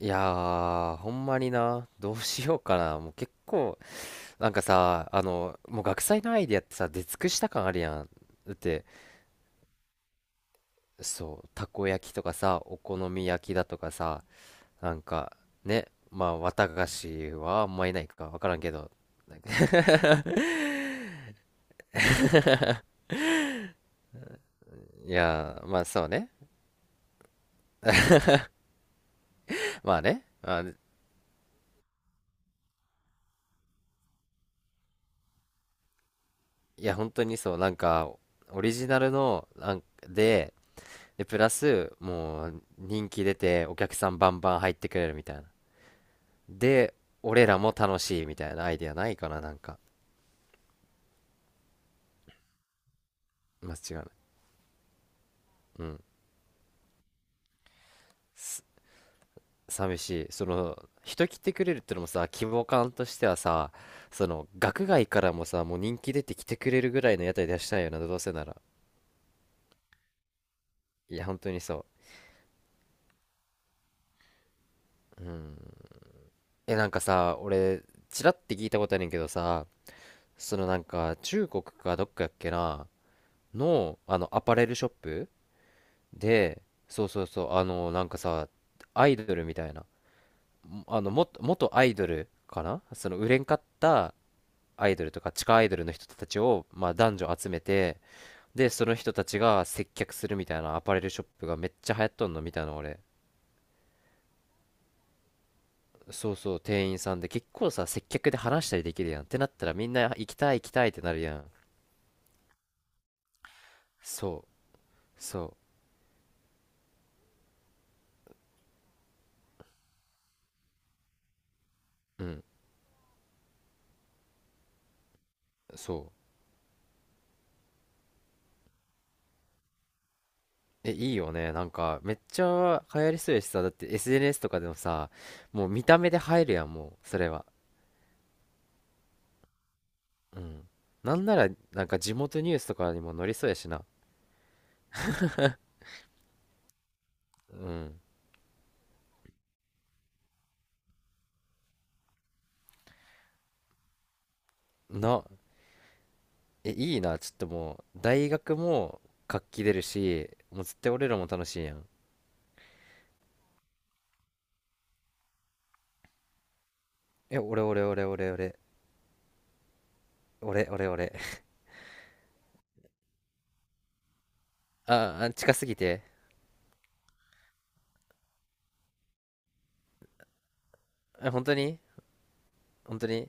いやー、ほんまにな、どうしようかな。もう結構、なんかさ、あの、もう学祭のアイディアってさ、出尽くした感あるやん。だって、そう、たこ焼きとかさ、お好み焼きだとかさ、なんか、ね、まあ、綿菓子はあんまいないかわからんけど、なんか いやー、まあそうね。まあね。いや、本当にそう、オリジナルの、なんで、で、プラス、もう、人気出て、お客さんバンバン入ってくれるみたいな。で、俺らも楽しいみたいなアイデアないかな、なんか。間違いない。うん。す寂しい。その、人来てくれるってのもさ、規模感としてはさ、その、学外からもさ、もう人気出て来てくれるぐらいの屋台出したいよな、どうせなら。いや、本当にそう。うん。え、なんかさ、俺、ちらって聞いたことあるんけどさ、そのなんか、中国かどっかやっけな、の、あの、アパレルショップで、そうそうそう、あの、なんかさ、アイドルみたいな。あのも元アイドルかな、その売れんかったアイドルとか地下アイドルの人たちを、まあ、男女集めて、でその人たちが接客するみたいなアパレルショップがめっちゃ流行っとんの見たの俺。そうそう、店員さんで結構さ、接客で話したりできるやんってなったらみんな行きたい行きたいってなるやん。そうそう。うん、そう。え、いいよね、なんかめっちゃ流行りそうやしさ。だって SNS とかでもさ、もう見た目で入るやん、もうそれは。うん。なんなら、なんか地元ニュースとかにも載りそうやしな。うん。な、え、いいな。ちょっともう、大学も活気出るし、もう絶対俺らも楽しいやん。え、俺俺俺俺俺。俺俺俺。あ、あ近すぎて。え、本当に？本当に？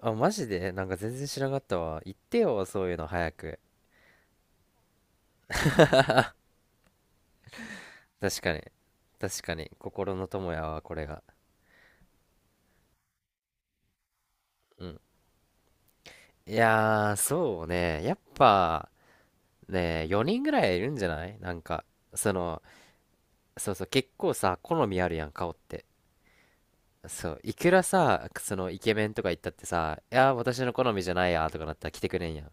あ、マジでなんか全然知らなかったわ。言ってよ、そういうの早く。確かに。確かに。心の友やわ、これが。うん。いやー、そうね。やっぱ、ね、4人ぐらいいるんじゃない？なんか、その、そうそう、結構さ、好みあるやん、顔って。そう、いくらさ、そのイケメンとか言ったってさ、いやー、私の好みじゃないやーとかなったら来てくれんやん。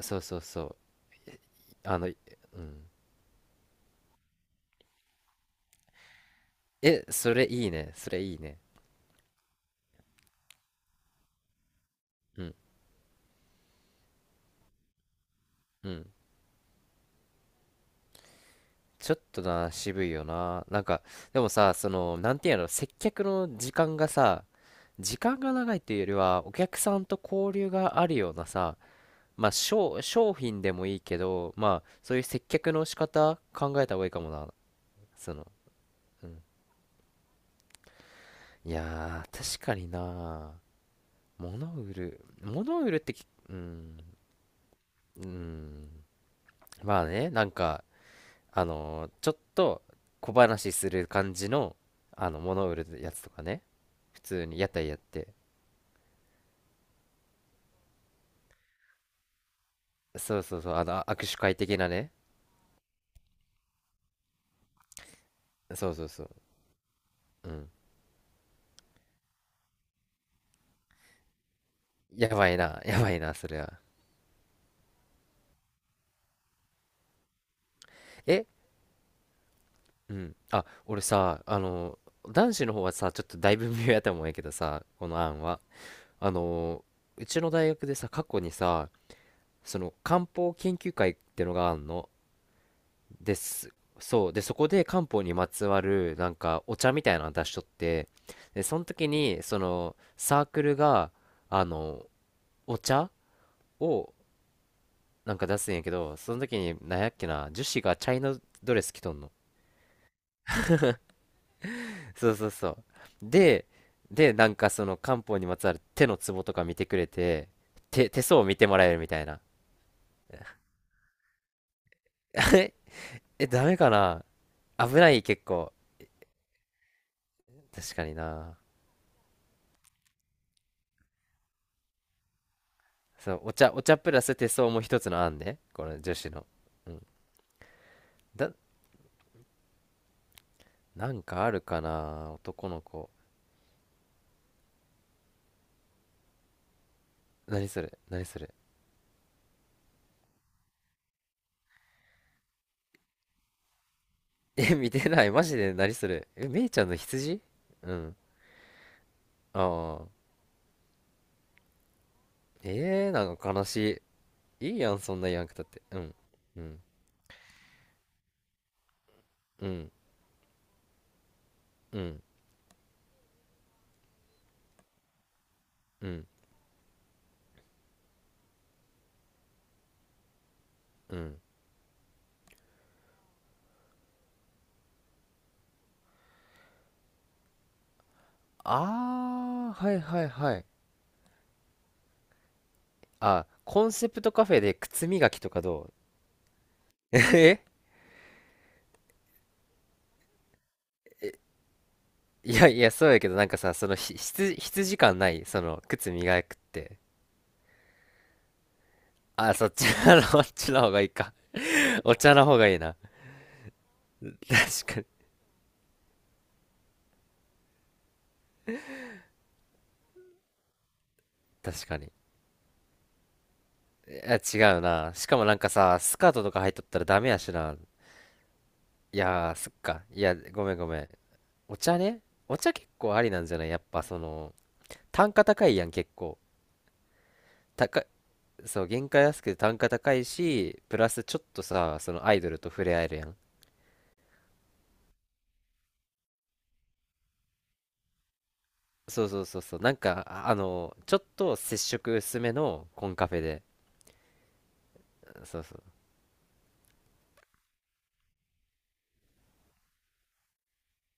そうそうそう。あの、いうん。え、それいいね。それいいね。うん。うん。ちょっとな、渋いよな。なんか、でもさ、その、なんていうの、接客の時間がさ、時間が長いというよりは、お客さんと交流があるようなさ、まあ、商品でもいいけど、まあ、そういう接客の仕方考えた方がいいかもな。その、うん、いやー、確かにな。モノウルってき、うん、うん。まあね、なんか、あのーちょっと小話する感じの、あの、モノウルのやつとかね。普通に屋台やって。そうそうそう、あの、あ握手会的なね。そうそうそう。うん。やばいな、やばいな、それは。え、うん。あ、俺さ、あの男子の方はさ、ちょっとだいぶ微妙やと思うんやけどさ、この案は。あのうちの大学でさ、過去にさ、その漢方研究会ってのがあるのです。そうで、そこで漢方にまつわるなんかお茶みたいなの出しとって、でその時にそのサークルがあのお茶をなんか出すんやけど、その時になんやっけな、女子がチャイナドレス着とんの。そうそうそう。で、でなんかその漢方にまつわる手のツボとか見てくれて、手相を見てもらえるみたいな。 え、えダメかな？危ない結構？確かにな。そう、お茶プラス手相も一つの案ね。この女子の。うん。だ、なんかあるかな男の子。何それ何それ？え、見てない。マジで何それ？え、めいちゃんの羊？うん。ああ。えー、なんか悲しい。いいやん、そんなん言わんくたって。うん。うん。うん。うん。うん。うん。ああ、はいはいはい。あ、コンセプトカフェで靴磨きとかどう？ え、いやいや、そうやけど、なんかさ、そのひ、羊感ない？その、靴磨くって。あ、そっちの、そっちの方がいいか。お茶の方がいいな。確かに、確かに。いや、違うな。しかもなんかさ、スカートとか入っとったらダメやしな。いやー、そっか。いや、ごめんごめん。お茶ね。お茶結構ありなんじゃない？やっぱその、単価高いやん、結構。高い、そう、原価安くて単価高いし、プラスちょっとさ、そのアイドルと触れ合えるやん。そうそうそうそう。なんか、ちょっと接触薄めのコンカフェで。そうそう。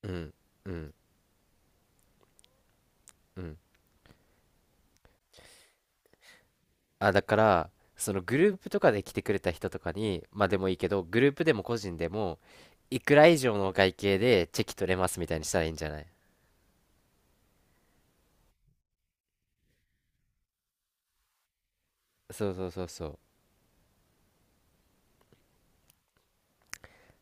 うん、うん、うん。あ、だから、そのグループとかで来てくれた人とかに、まあでもいいけど、グループでも個人でも、いくら以上のお会計でチェキ取れますみたいにしたらいいんじゃない？そうそうそうそう。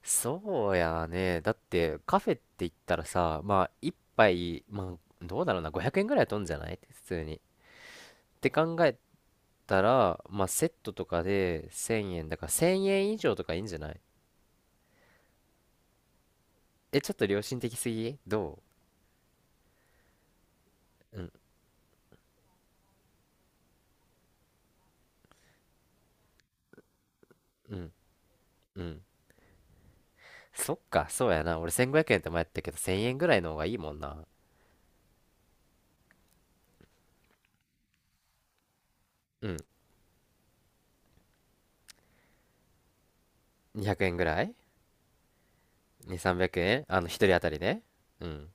そうやね。だって、カフェって言ったらさ、まあ、一杯、まあ、どうだろうな、500円ぐらいは取んじゃない？普通に。って考えたら、まあ、セットとかで1000円だから、1000円以上とかいいんじゃない？え、ちょっと良心的すぎど。ううん、うん、うん。そっか、そうやな。俺1500円って前やったけど、1000円ぐらいの方がいいもんな。うん。200円ぐらい？ 2、300円あの、一人当たりね。うん。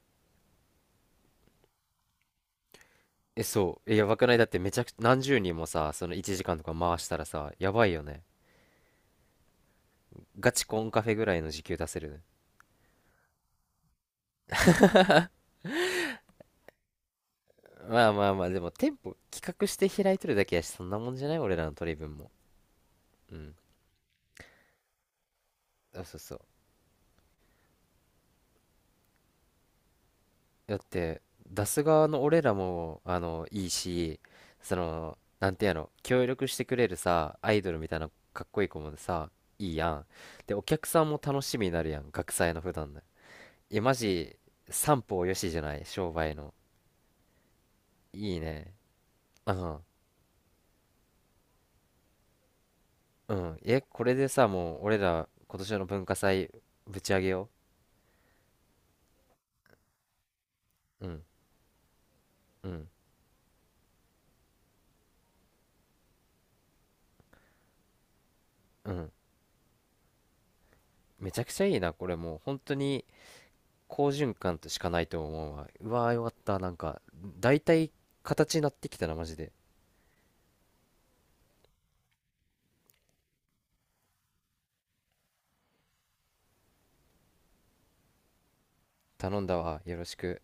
え、そう。え、やばくない？だってめちゃくちゃ、何十人もさ、その1時間とか回したらさ、やばいよね。ガチコンカフェぐらいの時給出せるね。まあまあまあ、でも店舗企画して開いとるだけやし、そんなもんじゃない？俺らの取り分も。うん。あ、そうそう。だって出す側の俺らもあのいいし、そのなんてやの協力してくれるさ、アイドルみたいなかっこいい子もさいいやん。でお客さんも楽しみになるやん、学祭の普段の。いやマジ三方よしじゃない？商売の。いいね。うん。うん。え、これでさ、もう俺ら今年の文化祭ぶち上げよう。うん。うん。うん。めちゃくちゃいいなこれ。もう本当に好循環としかないと思うわ。うわー、よかった。なんか、だいたい形になってきたな、マジで。頼んだわ。よろしく。